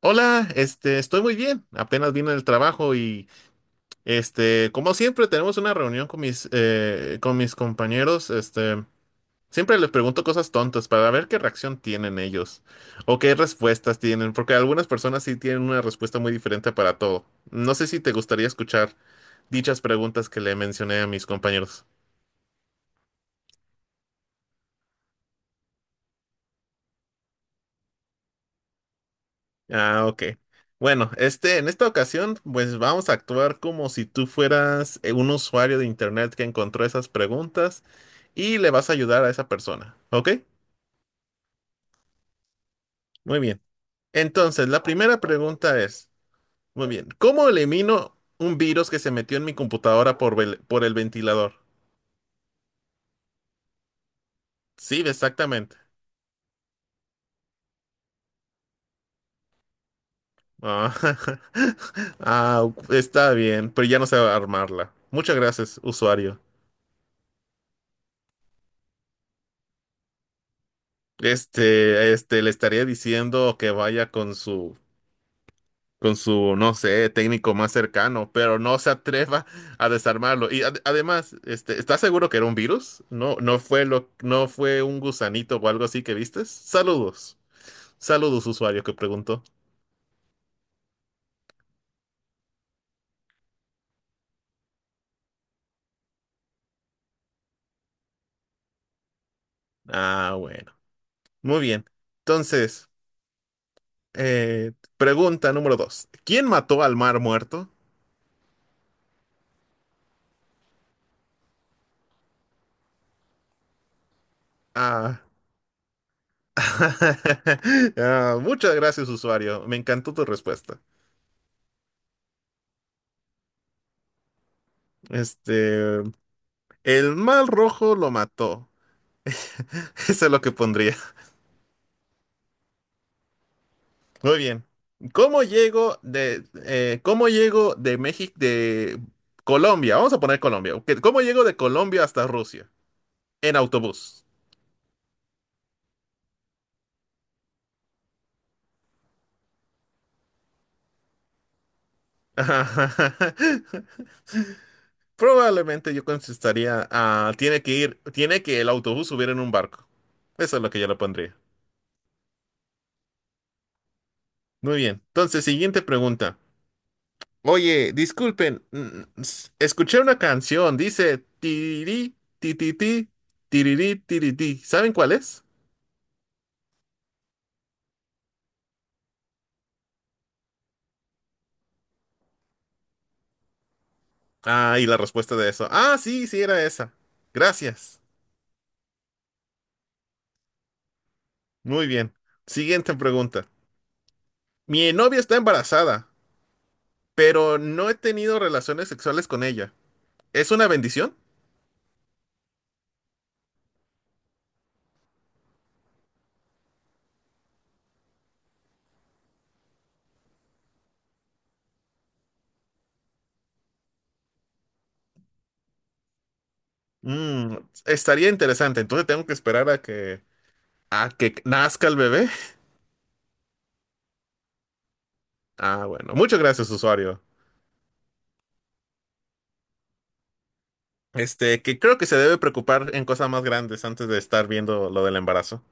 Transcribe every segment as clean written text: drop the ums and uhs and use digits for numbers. Hola, estoy muy bien. Apenas vine del trabajo y, como siempre, tenemos una reunión con mis compañeros. Siempre les pregunto cosas tontas para ver qué reacción tienen ellos o qué respuestas tienen, porque algunas personas sí tienen una respuesta muy diferente para todo. No sé si te gustaría escuchar dichas preguntas que le mencioné a mis compañeros. Ah, ok. Bueno, en esta ocasión, pues vamos a actuar como si tú fueras un usuario de internet que encontró esas preguntas y le vas a ayudar a esa persona. ¿Ok? Muy bien. Entonces, la primera pregunta es, muy bien, ¿cómo elimino un virus que se metió en mi computadora por, por el ventilador? Sí, exactamente. Ah, ah, está bien, pero ya no sé armarla. Muchas gracias, usuario. Le estaría diciendo que vaya con su, no sé, técnico más cercano, pero no se atreva a desarmarlo. Y además, ¿estás seguro que era un virus? No, no fue un gusanito o algo así que vistes. Saludos, saludos, usuario que preguntó. Ah, bueno, muy bien. Entonces, eh, pregunta número dos. ¿Quién mató al mar muerto? Ah, ah, muchas gracias, usuario. Me encantó tu respuesta. Este, el mal rojo lo mató. Eso es lo que pondría. Muy bien. ¿Cómo llego de México, de Colombia? Vamos a poner Colombia. Ok, ¿cómo llego de Colombia hasta Rusia? En autobús. Probablemente yo contestaría, ah, tiene que el autobús subir en un barco. Eso es lo que yo le pondría. Muy bien. Entonces, siguiente pregunta. Oye, disculpen, escuché una canción, dice tiri, ti, ti, ti, tirirí, tiri, ti". ¿Saben cuál es? Ah, y la respuesta de eso. Ah, sí, sí era esa. Gracias. Muy bien. Siguiente pregunta. Mi novia está embarazada, pero no he tenido relaciones sexuales con ella. ¿Es una bendición? Mm, Estaría interesante. Entonces tengo que esperar a que nazca el bebé. Ah, bueno. Muchas gracias, usuario. Que creo que se debe preocupar en cosas más grandes antes de estar viendo lo del embarazo.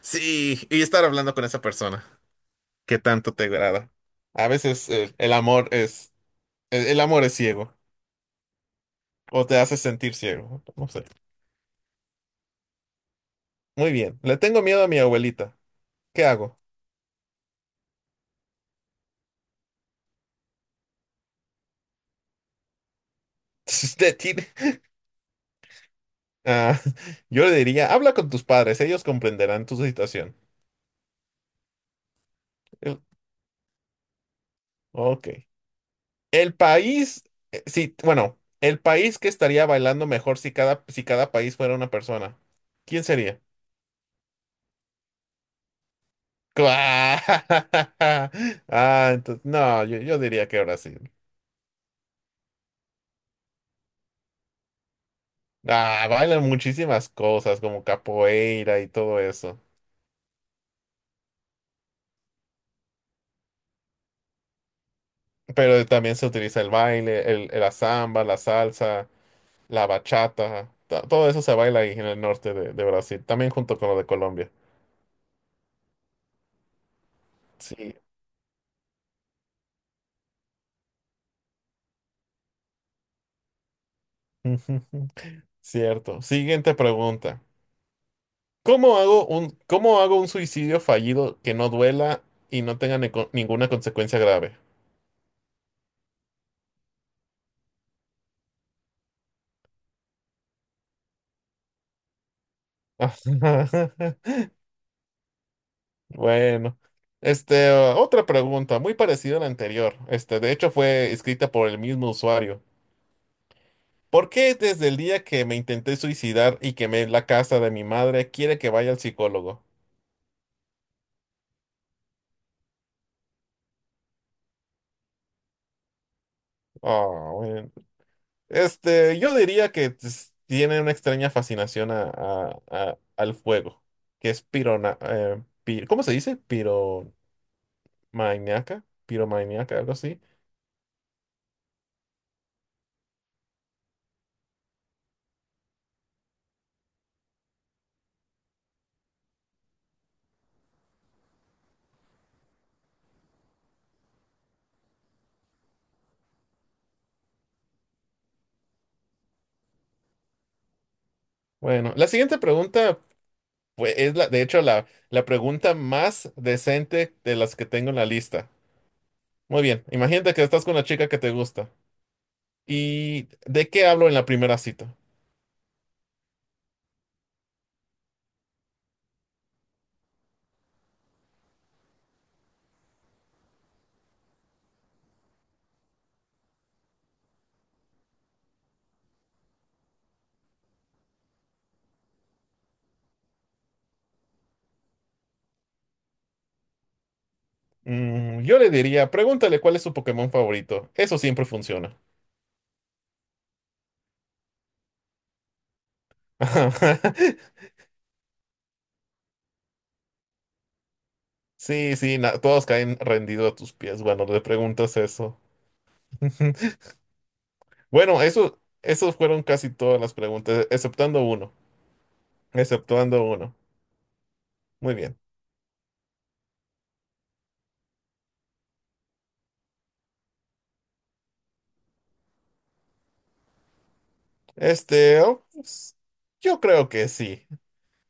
Sí, y estar hablando con esa persona que tanto te agrada. A veces el amor es ciego o te hace sentir ciego. No sé. Muy bien. Le tengo miedo a mi abuelita. ¿Qué hago? Usted tiene- Ah, yo le diría, habla con tus padres, ellos comprenderán tu situación. El- Ok. El país, sí, bueno, el país que estaría bailando mejor si cada país fuera una persona. ¿Quién sería? Ah, entonces, no, yo diría que Brasil. Ah, bailan muchísimas cosas como capoeira y todo eso. Pero también se utiliza el baile, la samba, la salsa, la bachata. Todo eso se baila ahí en el norte de Brasil, también junto con lo de Colombia. Sí. Cierto. Siguiente pregunta. ¿Cómo hago un suicidio fallido que no duela y no tenga ninguna consecuencia grave? Bueno, otra pregunta muy parecida a la anterior. De hecho fue escrita por el mismo usuario. ¿Por qué desde el día que me intenté suicidar y quemé la casa de mi madre quiere que vaya al psicólogo? Ah, bueno. Yo diría que tiene una extraña fascinación al fuego, que es pirona, ¿cómo se dice? Maniaca, piromaniaca, algo así. Bueno, la siguiente pregunta pues, de hecho la pregunta más decente de las que tengo en la lista. Muy bien, imagínate que estás con la chica que te gusta. ¿Y de qué hablo en la primera cita? Yo le diría, pregúntale cuál es su Pokémon favorito. Eso siempre funciona. Sí, sí, todos caen rendidos a tus pies. Bueno, le preguntas eso. Bueno, esos fueron casi todas las preguntas, exceptuando uno. Muy bien. Oh, pues, yo creo que sí.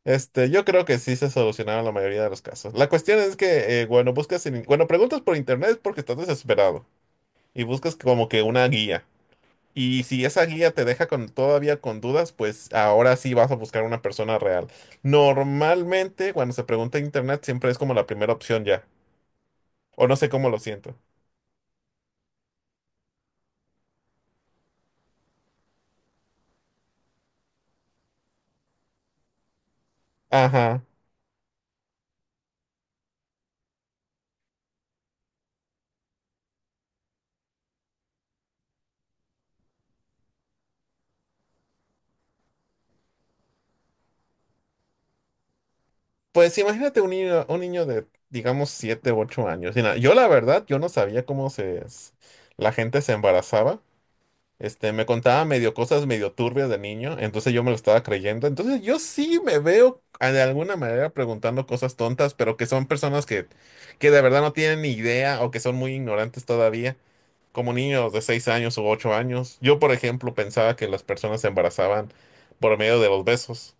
Yo creo que sí se solucionaron la mayoría de los casos. La cuestión es que, bueno, bueno, preguntas por internet es porque estás desesperado y buscas como que una guía. Y si esa guía te deja todavía con dudas, pues ahora sí vas a buscar una persona real. Normalmente, cuando se pregunta en internet, siempre es como la primera opción ya. O no sé cómo lo siento. Ajá. Pues imagínate un niño de, digamos, 7 u 8 años. Mira, yo la verdad, yo no sabía cómo la gente se embarazaba. Me contaba medio cosas medio turbias de niño, entonces yo me lo estaba creyendo. Entonces yo sí me veo de alguna manera preguntando cosas tontas, pero que son personas que de verdad no tienen ni idea o que son muy ignorantes todavía, como niños de 6 años u 8 años. Yo, por ejemplo, pensaba que las personas se embarazaban por medio de los besos.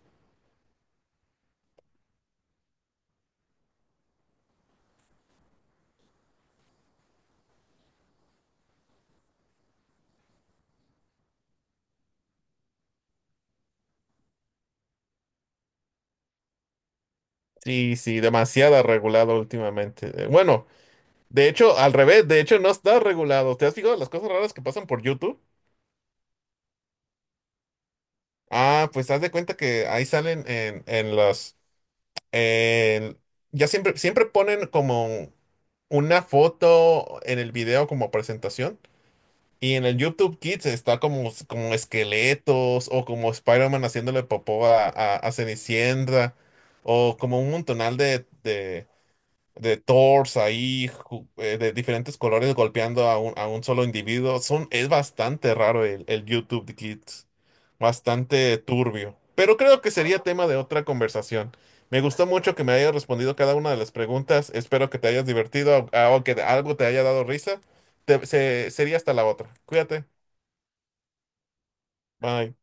Sí, sí, demasiado regulado últimamente. Bueno, de hecho, al revés, de hecho no está regulado. ¿Te has fijado las cosas raras que pasan por YouTube? Ah, pues haz de cuenta que ahí salen en- ya siempre, ponen como una foto en el video como presentación. Y en el YouTube Kids está como esqueletos o como Spider-Man haciéndole popó a Cenicienta o como un montonal de Thors ahí, de diferentes colores golpeando a un solo individuo. Es bastante raro el YouTube de Kids, bastante turbio. Pero creo que sería tema de otra conversación. Me gustó mucho que me hayas respondido cada una de las preguntas. Espero que te hayas divertido o que algo te haya dado risa. Sería hasta la otra. Cuídate. Bye.